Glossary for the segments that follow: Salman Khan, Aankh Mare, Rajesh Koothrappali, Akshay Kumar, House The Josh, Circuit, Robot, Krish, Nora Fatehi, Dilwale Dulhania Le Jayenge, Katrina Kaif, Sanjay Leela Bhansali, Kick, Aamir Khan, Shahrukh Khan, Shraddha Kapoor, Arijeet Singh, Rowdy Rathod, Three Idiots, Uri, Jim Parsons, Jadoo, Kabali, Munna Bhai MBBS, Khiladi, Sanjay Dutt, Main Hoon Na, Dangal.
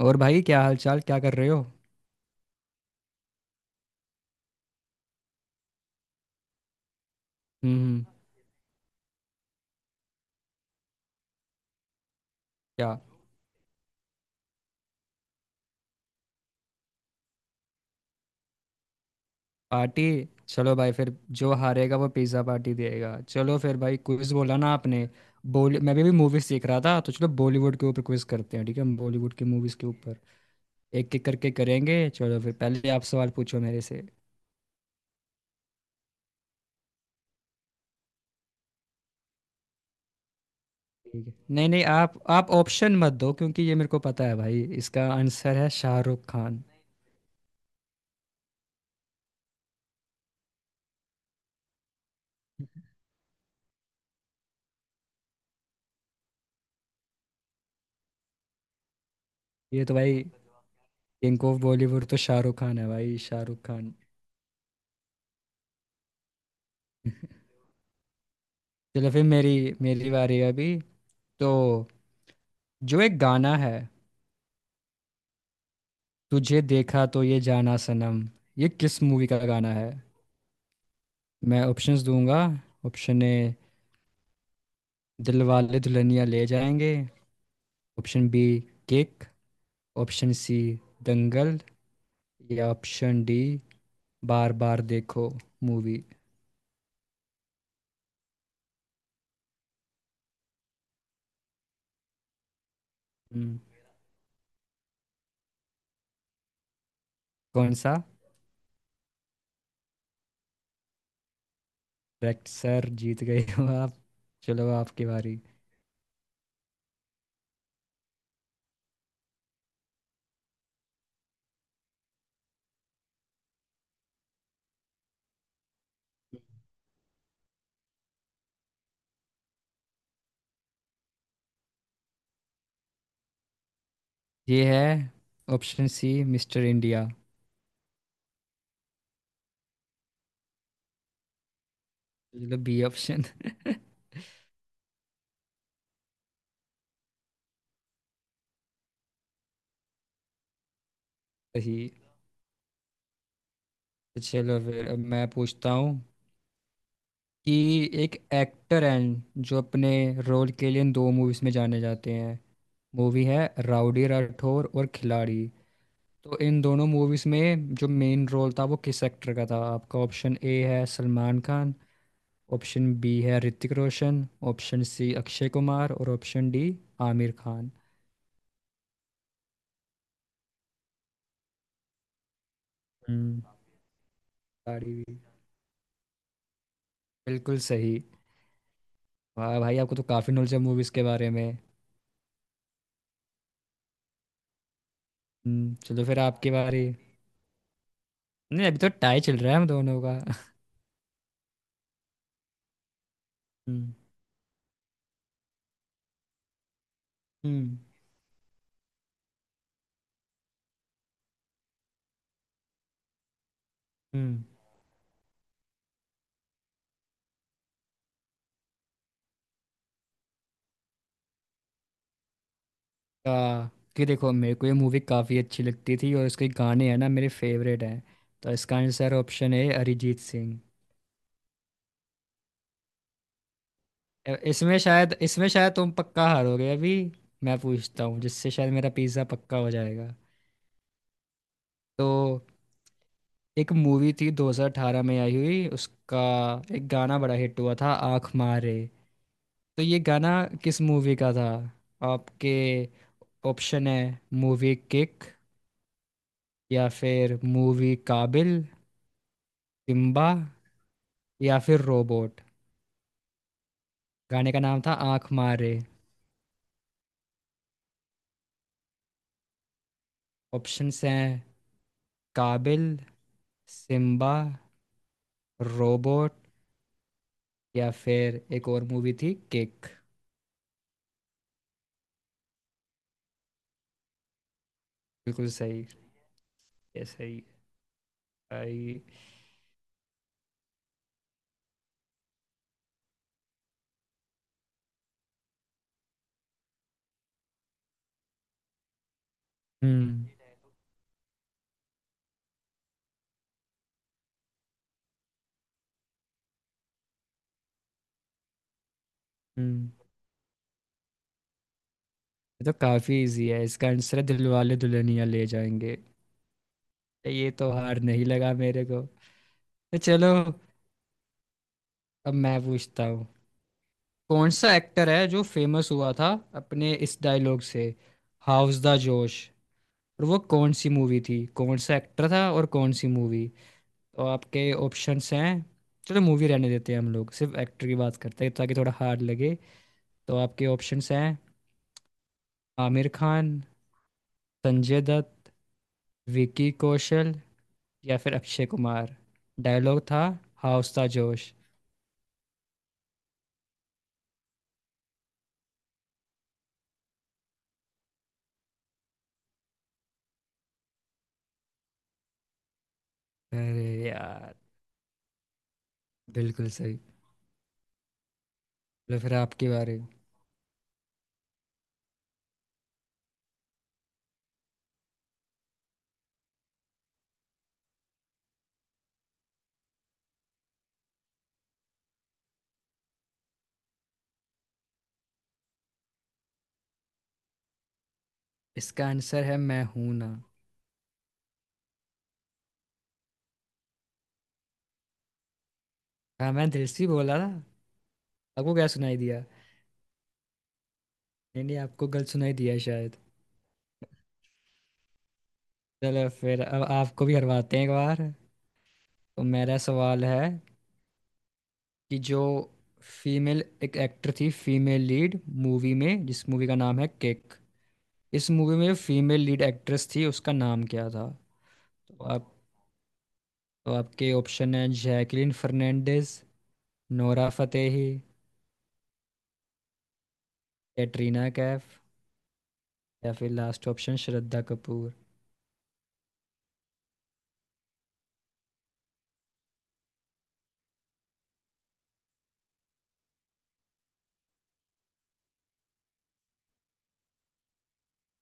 और भाई, क्या हालचाल? क्या कर रहे हो? हम्म। हम्म, क्या? पार्टी। चलो भाई फिर। जो हारेगा वो पिज्ज़ा पार्टी देगा। चलो फिर भाई, क्विज बोला ना आपने। बॉली मैं भी मूवीज देख रहा था, तो चलो बॉलीवुड के ऊपर क्विज करते हैं। ठीक है, बॉलीवुड की मूवीज के ऊपर। एक एक करके करेंगे। चलो फिर, पहले आप सवाल पूछो मेरे से। ठीक है, नहीं नहीं, आप ऑप्शन मत दो, क्योंकि ये मेरे को पता है भाई। इसका आंसर है शाहरुख खान। ये तो भाई, किंग ऑफ बॉलीवुड तो शाहरुख खान है भाई, शाहरुख खान। चलो फिर, मेरी मेरी बारी है अभी। तो जो एक गाना है, तुझे देखा तो ये जाना सनम, ये किस मूवी का गाना है? मैं ऑप्शंस दूंगा। Option A, Dilwale Dulhania Le Jayenge. Option B, Kick. Option C, Dangal. या option D, Baar Baar Dekho movie. कौन सा? करेक्ट सर, जीत गए हो आप। चलो आपकी बारी। ये है ऑप्शन सी, मिस्टर इंडिया। चलो बी ऑप्शन सही। तो चलो फिर अब मैं पूछता हूँ कि एक एक्टर हैं जो अपने रोल के लिए इन दो मूवीज में जाने जाते हैं। मूवी है राउडी राठौर और खिलाड़ी। तो इन दोनों मूवीज में जो मेन रोल था वो किस एक्टर का था? आपका ऑप्शन ए है सलमान खान, ऑप्शन बी है ऋतिक रोशन, ऑप्शन सी अक्षय कुमार, और option D Aamir Khan. Hmm. Khiladi भी। बिल्कुल सही। वाह भाई, आपको तो काफी नॉलेज है मूवीज के बारे में। हम्म। चलो फिर आपकी बारी। नहीं, अभी तो टाई चल रहा है हम दोनों का। हम्म। हम्म। हम्म। आ, कि देखो, मेरे को ये मूवी काफ़ी अच्छी लगती थी और इसके गाने हैं ना, मेरे फेवरेट हैं। तो इसका आंसर ऑप्शन है अरिजीत सिंह। इसमें शायद तुम पक्का हारोगे अभी। मैं पूछता हूँ जिससे शायद मेरा पिज़्ज़ा पक्का हो जाएगा। तो एक मूवी थी 2018 में आई हुई, उसका एक गाना बड़ा हिट हुआ था, आँख मारे। तो ये गाना किस मूवी का था? आपके ऑप्शन है मूवी किक, या फिर मूवी काबिल, सिम्बा, या फिर रोबोट। गाने का नाम था आंख मारे। ऑप्शंस हैं काबिल, सिम्बा, रोबोट, या फिर एक और मूवी थी किक। बिल्कुल सही। ये सही। भाई हम्म। हम्म। ये तो काफी इजी है, इसका आंसर है दिलवाले दुल्हनिया ले जाएंगे। ये तो हार नहीं लगा मेरे को। तो चलो अब मैं पूछता हूँ, कौन सा एक्टर है जो फेमस हुआ था अपने इस डायलॉग से, हाउस द जोश। और वो कौन सी मूवी थी? कौन सा एक्टर था और कौन सी मूवी? और आपके ऑप्शंस हैं, चलो मूवी रहने देते हैं हम लोग, सिर्फ एक्टर की बात करते हैं ताकि थोड़ा हार्ड लगे। तो आपके ऑप्शंस हैं आमिर खान, संजय दत्त, विकी कौशल, या फिर अक्षय कुमार। डायलॉग था हाउस था जोश। अरे यार, बिल्कुल सही। चलो फिर आपके बारे में। इसका आंसर है मैं हूं ना। हाँ, मैं दिल से ही बोला था। आपको क्या सुनाई दिया? नहीं नहीं, आपको गलत सुनाई दिया शायद। चलो फिर अब आपको भी हरवाते हैं एक बार। तो मेरा सवाल है कि जो फीमेल एक एक्टर थी, फीमेल लीड, मूवी में जिस मूवी का नाम है किक, इस मूवी में जो फीमेल लीड एक्ट्रेस थी उसका नाम क्या था? तो आप तो आपके ऑप्शन है जैकलिन फर्नांडिस, नोरा फतेही, कैटरीना कैफ, या फिर लास्ट ऑप्शन श्रद्धा कपूर।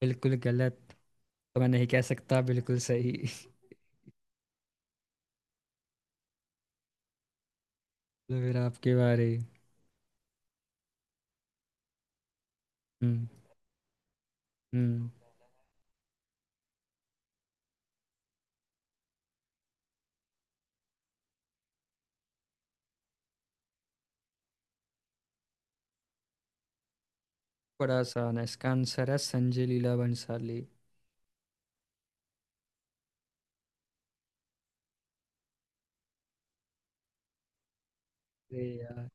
बिल्कुल गलत। तो मैं नहीं कह सकता बिल्कुल सही तो फिर आपके बारे। हम्म। हम्म। बड़ा आसान है, इसका आंसर है संजय लीला भंसाली। अरे यार।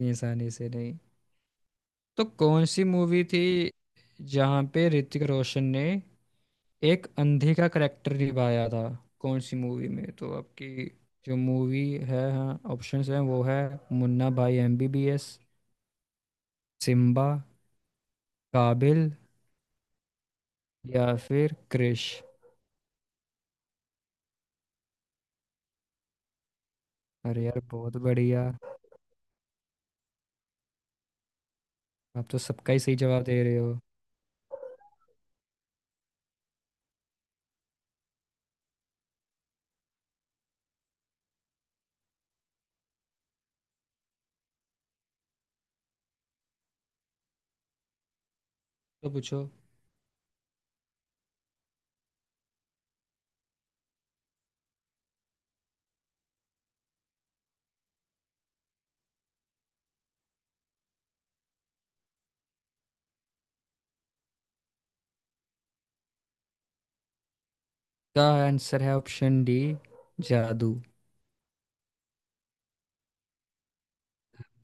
इतनी आसानी से नहीं। तो कौन सी मूवी थी जहाँ पे ऋतिक रोशन ने एक अंधे का करेक्टर निभाया था? कौन सी मूवी में? तो आपकी जो मूवी है, हाँ ऑप्शंस हैं, वो है मुन्ना भाई एमबीबीएस, सिम्बा, काबिल, या फिर क्रिश। अरे यार, बहुत बढ़िया। आप तो सबका ही सही जवाब दे रहे हो। तो पूछो का आंसर है option D, Jadoo.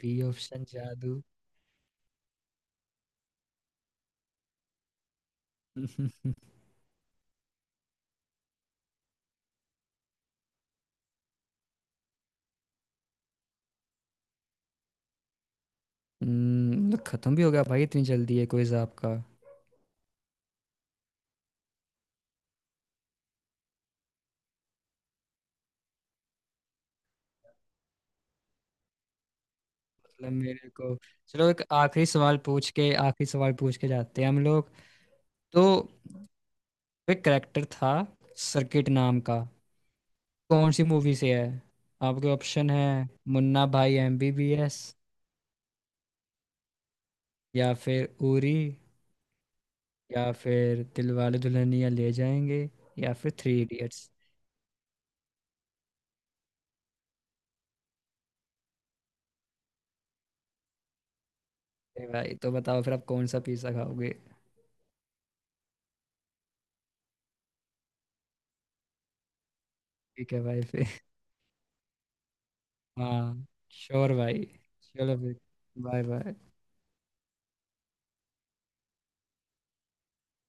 B option, जादू। मतलब खत्म भी हो गया भाई? इतनी जल्दी है क्विज आपका? मतलब मेरे को चलो एक आखिरी सवाल पूछ के, आखिरी सवाल पूछ के जाते हैं हम लोग। तो एक करेक्टर था सर्किट नाम का, कौन सी मूवी से है? आपके ऑप्शन है मुन्ना भाई एमबीबीएस, या फिर उरी, या फिर दिलवाले दुल्हनिया ले जाएंगे, या फिर थ्री इडियट्स। भाई तो बताओ फिर आप कौन सा पिज्जा खाओगे? ठीक है भाई फिर। हाँ। श्योर भाई। चलो फिर, बाय बाय।